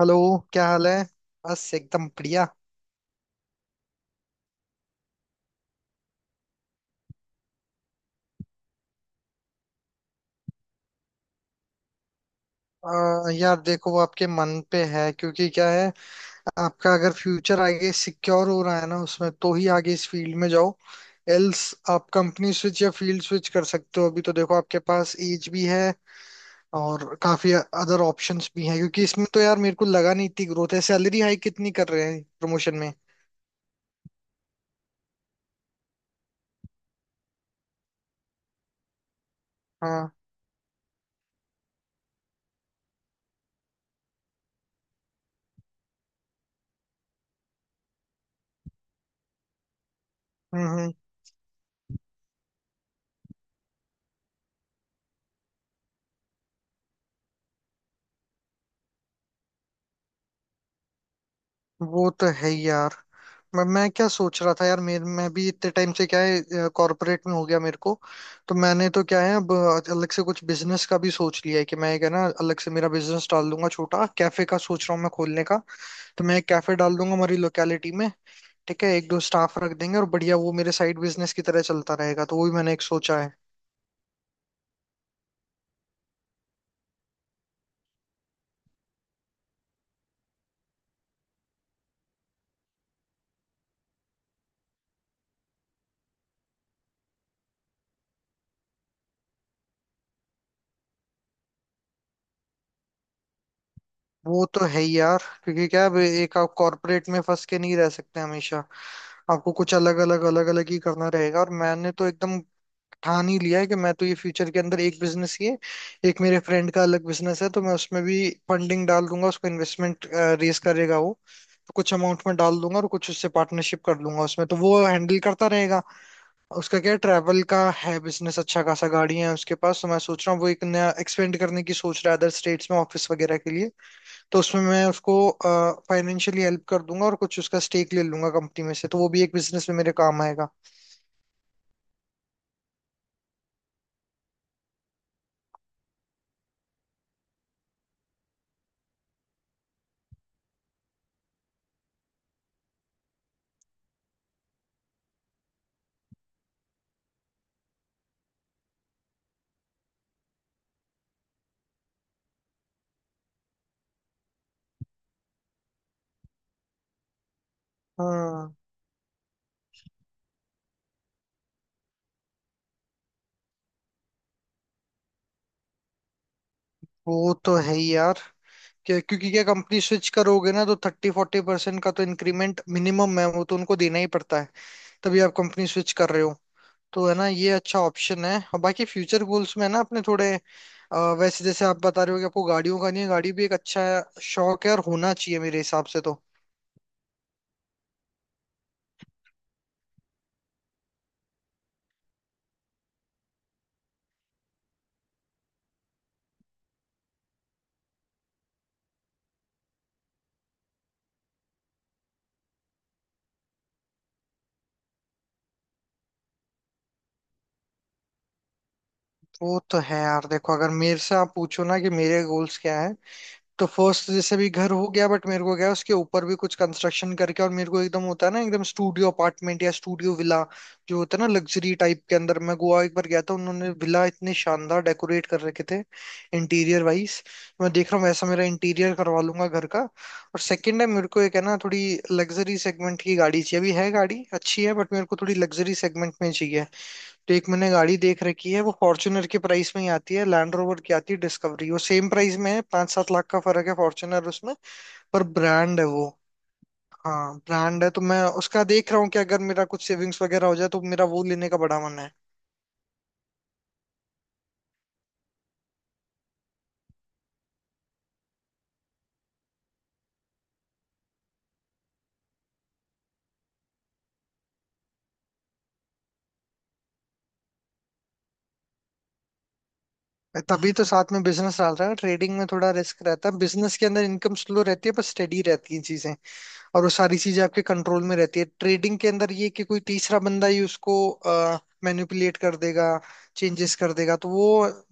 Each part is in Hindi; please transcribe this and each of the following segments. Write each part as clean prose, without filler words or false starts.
हेलो। क्या हाल है? बस एकदम बढ़िया। यार देखो, वो आपके मन पे है, क्योंकि क्या है, आपका अगर फ्यूचर आगे सिक्योर हो रहा है ना उसमें, तो ही आगे इस फील्ड में जाओ। एल्स आप कंपनी स्विच या फील्ड स्विच कर सकते हो। अभी तो देखो, आपके पास एज भी है और काफी अदर ऑप्शंस भी हैं, क्योंकि इसमें तो यार मेरे को लगा नहीं इतनी ग्रोथ है। सैलरी हाइक कितनी कर रहे हैं प्रमोशन में? हाँ। हम्म हम्म। वो तो है ही यार। मैं क्या सोच रहा था यार, मेरे मैं भी इतने टाइम से, क्या है, कॉर्पोरेट में हो गया मेरे को। तो मैंने तो क्या है अब, अलग से कुछ बिजनेस का भी सोच लिया है कि मैं एक है ना अलग से मेरा बिजनेस डाल दूंगा। छोटा कैफे का सोच रहा हूँ मैं खोलने का। तो मैं एक कैफे डाल दूंगा हमारी लोकेलिटी में। ठीक है, एक दो स्टाफ रख देंगे और बढ़िया, वो मेरे साइड बिजनेस की तरह चलता रहेगा। तो वो भी मैंने एक सोचा है। वो तो है ही यार, क्योंकि क्या है, अब एक आप कॉर्पोरेट में फंस के नहीं रह सकते हमेशा। आपको कुछ अलग अलग अलग अलग ही करना रहेगा। और मैंने तो एकदम ठान ही लिया है कि मैं तो ये फ्यूचर के अंदर एक बिजनेस ही है। एक मेरे फ्रेंड का अलग बिजनेस है, तो मैं उसमें भी फंडिंग डाल दूंगा उसको, इन्वेस्टमेंट। रेस करेगा वो। तो कुछ अमाउंट में डाल दूंगा और कुछ उससे पार्टनरशिप कर लूंगा उसमें, तो वो हैंडल करता रहेगा। उसका क्या ट्रैवल का है बिजनेस, अच्छा खासा गाड़ी है उसके पास। तो मैं सोच रहा हूँ वो एक नया एक्सपेंड करने की सोच रहा है, अदर स्टेट्स में ऑफिस वगैरह के लिए। तो उसमें मैं उसको फाइनेंशियली हेल्प कर दूंगा और कुछ उसका स्टेक ले लूंगा कंपनी में से, तो वो भी एक बिजनेस में मेरे काम आएगा। हाँ, वो तो है ही यार। क्या, क्योंकि क्या कंपनी स्विच करोगे ना, तो 30-40% का तो इंक्रीमेंट मिनिमम है। वो तो उनको देना ही पड़ता है, तभी आप कंपनी स्विच कर रहे हो। तो है ना, ये अच्छा ऑप्शन है। और बाकी फ्यूचर गोल्स में है ना अपने थोड़े, वैसे जैसे आप बता रहे हो कि आपको गाड़ियों का नहीं है, गाड़ी भी एक अच्छा शौक है और होना चाहिए मेरे हिसाब से तो। वो तो है यार। देखो, अगर मेरे से आप पूछो ना कि मेरे गोल्स क्या है, तो फर्स्ट जैसे भी घर हो गया, बट मेरे को क्या है, उसके ऊपर भी कुछ कंस्ट्रक्शन करके, और मेरे को एकदम होता है ना, एकदम स्टूडियो अपार्टमेंट या स्टूडियो विला जो होता है ना, लग्जरी टाइप के अंदर। मैं गोवा एक बार गया था, उन्होंने विला इतने शानदार डेकोरेट कर रखे थे, इंटीरियर वाइज। मैं देख रहा हूँ, वैसा मेरा इंटीरियर करवा लूंगा घर का। और सेकंड है, मेरे को एक है ना थोड़ी लग्जरी सेगमेंट की गाड़ी चाहिए। अभी है गाड़ी, अच्छी है, बट मेरे को थोड़ी लग्जरी सेगमेंट में चाहिए। तो एक मैंने गाड़ी देख रखी है, वो फॉर्च्यूनर के प्राइस में ही आती है। लैंड रोवर की आती है डिस्कवरी, वो सेम प्राइस में है, 5-7 लाख का फर्क है फॉर्च्यूनर उसमें। पर ब्रांड है वो। हाँ, ब्रांड है। तो मैं उसका देख रहा हूँ कि अगर मेरा कुछ सेविंग्स वगैरह हो जाए, तो मेरा वो लेने का बड़ा मन है। मैं तभी तो साथ में बिजनेस डाल रहा है। ट्रेडिंग में थोड़ा रिस्क रहता है, बिजनेस के अंदर इनकम स्लो रहती है पर स्टेडी रहती है चीजें, और वो सारी चीजें आपके कंट्रोल में रहती है। ट्रेडिंग के अंदर ये है कि कोई तीसरा बंदा ही उसको मैनिपुलेट कर देगा, चेंजेस कर देगा। तो वो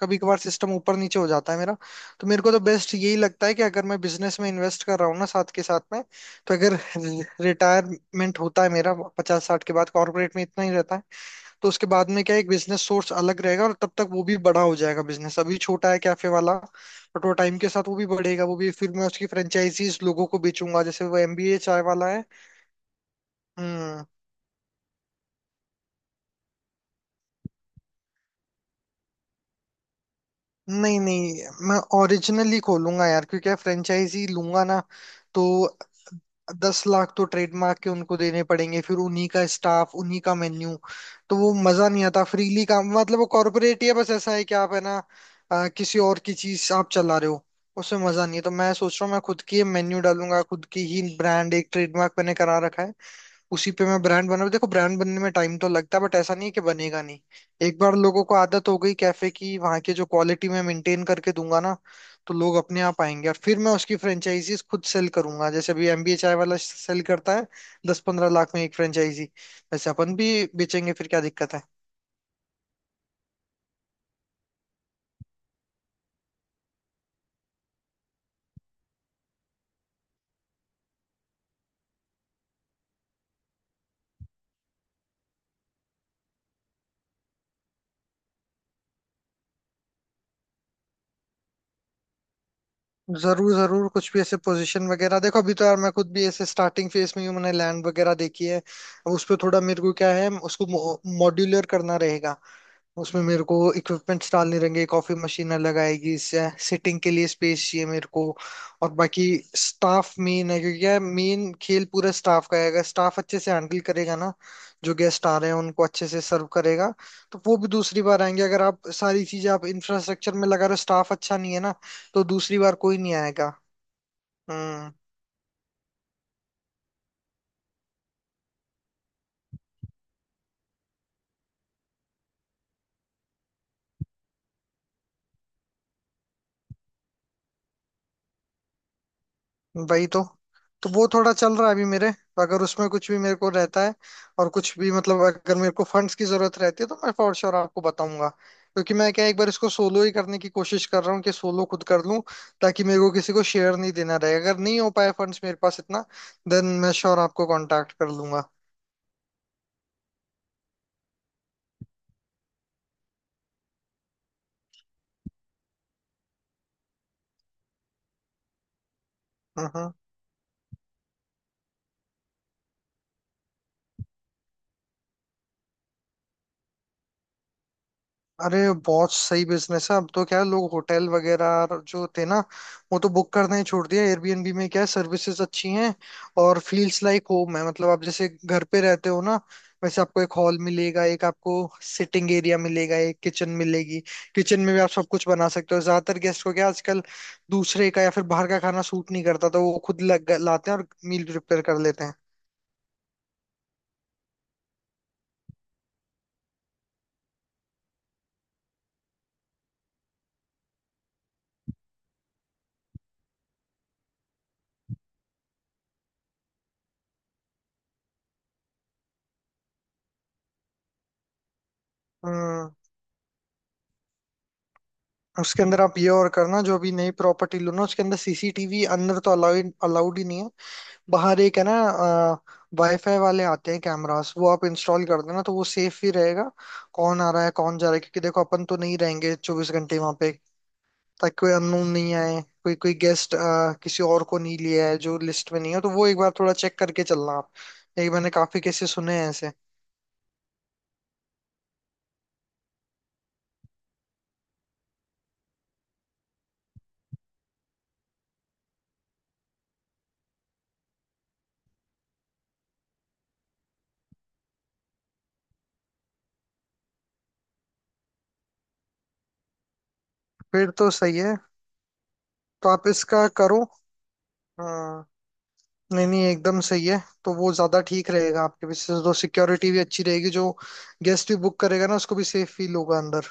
कभी कभार सिस्टम ऊपर नीचे हो जाता है मेरा। तो मेरे को तो बेस्ट यही लगता है कि अगर मैं बिजनेस में इन्वेस्ट कर रहा हूँ ना साथ के साथ में, तो अगर रिटायरमेंट होता है मेरा 50-60 के बाद, कॉर्पोरेट में इतना ही रहता है, तो उसके बाद में क्या है, एक बिजनेस सोर्स अलग रहेगा और तब तक वो भी बड़ा हो जाएगा। बिजनेस अभी छोटा है कैफे वाला, बट वो टाइम के साथ वो भी बढ़ेगा। वो भी फिर मैं उसकी फ्रेंचाइजीज लोगों को बेचूंगा, जैसे वो एमबीए चाय वाला है। हम्म। नहीं नहीं, मैं ओरिजिनली खोलूंगा यार, क्योंकि फ्रेंचाइजी लूंगा ना, तो 10 लाख तो ट्रेडमार्क के उनको देने पड़ेंगे, फिर उन्हीं का स्टाफ उन्हीं का मेन्यू। तो वो मजा नहीं आता फ्रीली काम। मतलब वो कॉर्पोरेट ही है। बस ऐसा है कि आप है ना, किसी और की चीज आप चला रहे हो, उसमें मजा नहीं है। तो मैं सोच रहा हूँ, मैं खुद की मेन्यू डालूंगा, खुद की ही ब्रांड। एक ट्रेडमार्क मैंने करा रखा है, उसी पे मैं ब्रांड बना। देखो, ब्रांड बनने में टाइम तो लगता है, बट ऐसा नहीं है कि बनेगा नहीं। एक बार लोगों को आदत हो गई कैफे की, वहां के जो क्वालिटी मैं मेंटेन करके दूंगा ना, तो लोग अपने आप आएंगे। और फिर मैं उसकी फ्रेंचाइजीज खुद सेल करूंगा, जैसे अभी एमबीए चाय वाला सेल करता है 10-15 लाख में एक फ्रेंचाइजी। वैसे अपन भी बेचेंगे फिर, क्या दिक्कत है। जरूर जरूर, कुछ भी ऐसे पोजीशन वगैरह। देखो, अभी तो यार मैं खुद भी ऐसे स्टार्टिंग फेज में ही हूँ। मैंने लैंड वगैरह देखी है, अब उस पर थोड़ा, मेरे को क्या है, उसको मॉड्यूलर करना रहेगा। उसमें मेरे को इक्विपमेंट्स डालने रहेंगे, कॉफी मशीन अलग आएगी, सिटिंग के लिए स्पेस चाहिए मेरे को। और बाकी स्टाफ मेन है, क्योंकि यार मेन खेल पूरा स्टाफ का है। अगर स्टाफ अच्छे से हैंडल करेगा ना, जो गेस्ट आ रहे हैं उनको अच्छे से सर्व करेगा, तो वो भी दूसरी बार आएंगे। अगर आप सारी चीजें आप इंफ्रास्ट्रक्चर में लगा रहे हो, स्टाफ अच्छा नहीं है ना, तो दूसरी बार कोई नहीं आएगा। हम्म। वही तो वो थोड़ा चल रहा है अभी मेरे। अगर उसमें कुछ भी मेरे को रहता है और कुछ भी, मतलब अगर मेरे को फंड्स की जरूरत रहती है, तो मैं फॉर श्योर आपको बताऊंगा। क्योंकि मैं क्या, एक बार इसको सोलो ही करने की कोशिश कर रहा हूँ कि सोलो खुद कर लूँ, ताकि मेरे को किसी को शेयर नहीं देना रहे। अगर नहीं हो पाए फंड्स मेरे पास इतना, देन मैं श्योर आपको कांटेक्ट कर लूंगा। अरे, बहुत सही बिजनेस है। अब तो क्या है, लोग होटल वगैरह जो थे ना, वो तो बुक करना ही छोड़ दिया। एयरबीएनबी में क्या है, सर्विसेज अच्छी हैं और फील्स लाइक होम है। मतलब आप जैसे घर पे रहते हो ना, वैसे आपको एक हॉल मिलेगा, एक आपको सिटिंग एरिया मिलेगा, एक किचन मिलेगी। किचन में भी आप सब कुछ बना सकते हो। ज्यादातर गेस्ट को क्या, आजकल दूसरे का या फिर बाहर का खाना सूट नहीं करता, तो वो खुद लाते हैं और मील प्रिपेयर कर लेते हैं। हम्म। उसके अंदर आप ये और करना, जो अभी नई प्रॉपर्टी लो ना, उसके अंदर सीसीटीवी अंदर तो अलाउड अलाउड ही नहीं है। बाहर एक है ना, वाईफाई वाले आते हैं कैमरास, वो आप इंस्टॉल कर देना, तो वो सेफ ही रहेगा। कौन आ रहा है कौन जा रहा है, क्योंकि देखो अपन तो नहीं रहेंगे 24 घंटे वहां पे। ताकि कोई अननोन नहीं आए, कोई कोई गेस्ट किसी और को नहीं लिया है जो लिस्ट में नहीं है, तो वो एक बार थोड़ा चेक करके चलना आप। ये मैंने काफी केसेस सुने हैं ऐसे। फिर तो सही है। तो आप इसका करो। हाँ। नहीं नहीं, एकदम सही है। तो वो ज्यादा ठीक रहेगा आपके भी, तो सिक्योरिटी भी अच्छी रहेगी। जो गेस्ट भी बुक करेगा ना, उसको भी सेफ फील होगा अंदर।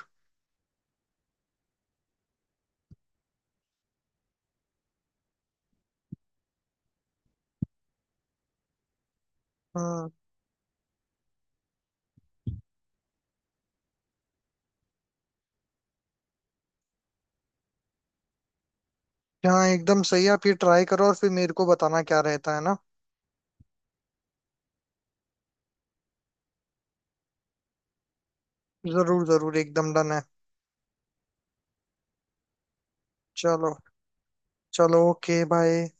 हम्म। हाँ, एकदम सही है। आप ये ट्राई करो और फिर मेरे को बताना क्या रहता है ना। जरूर जरूर, एकदम डन है। चलो। चलो, ओके, बाय।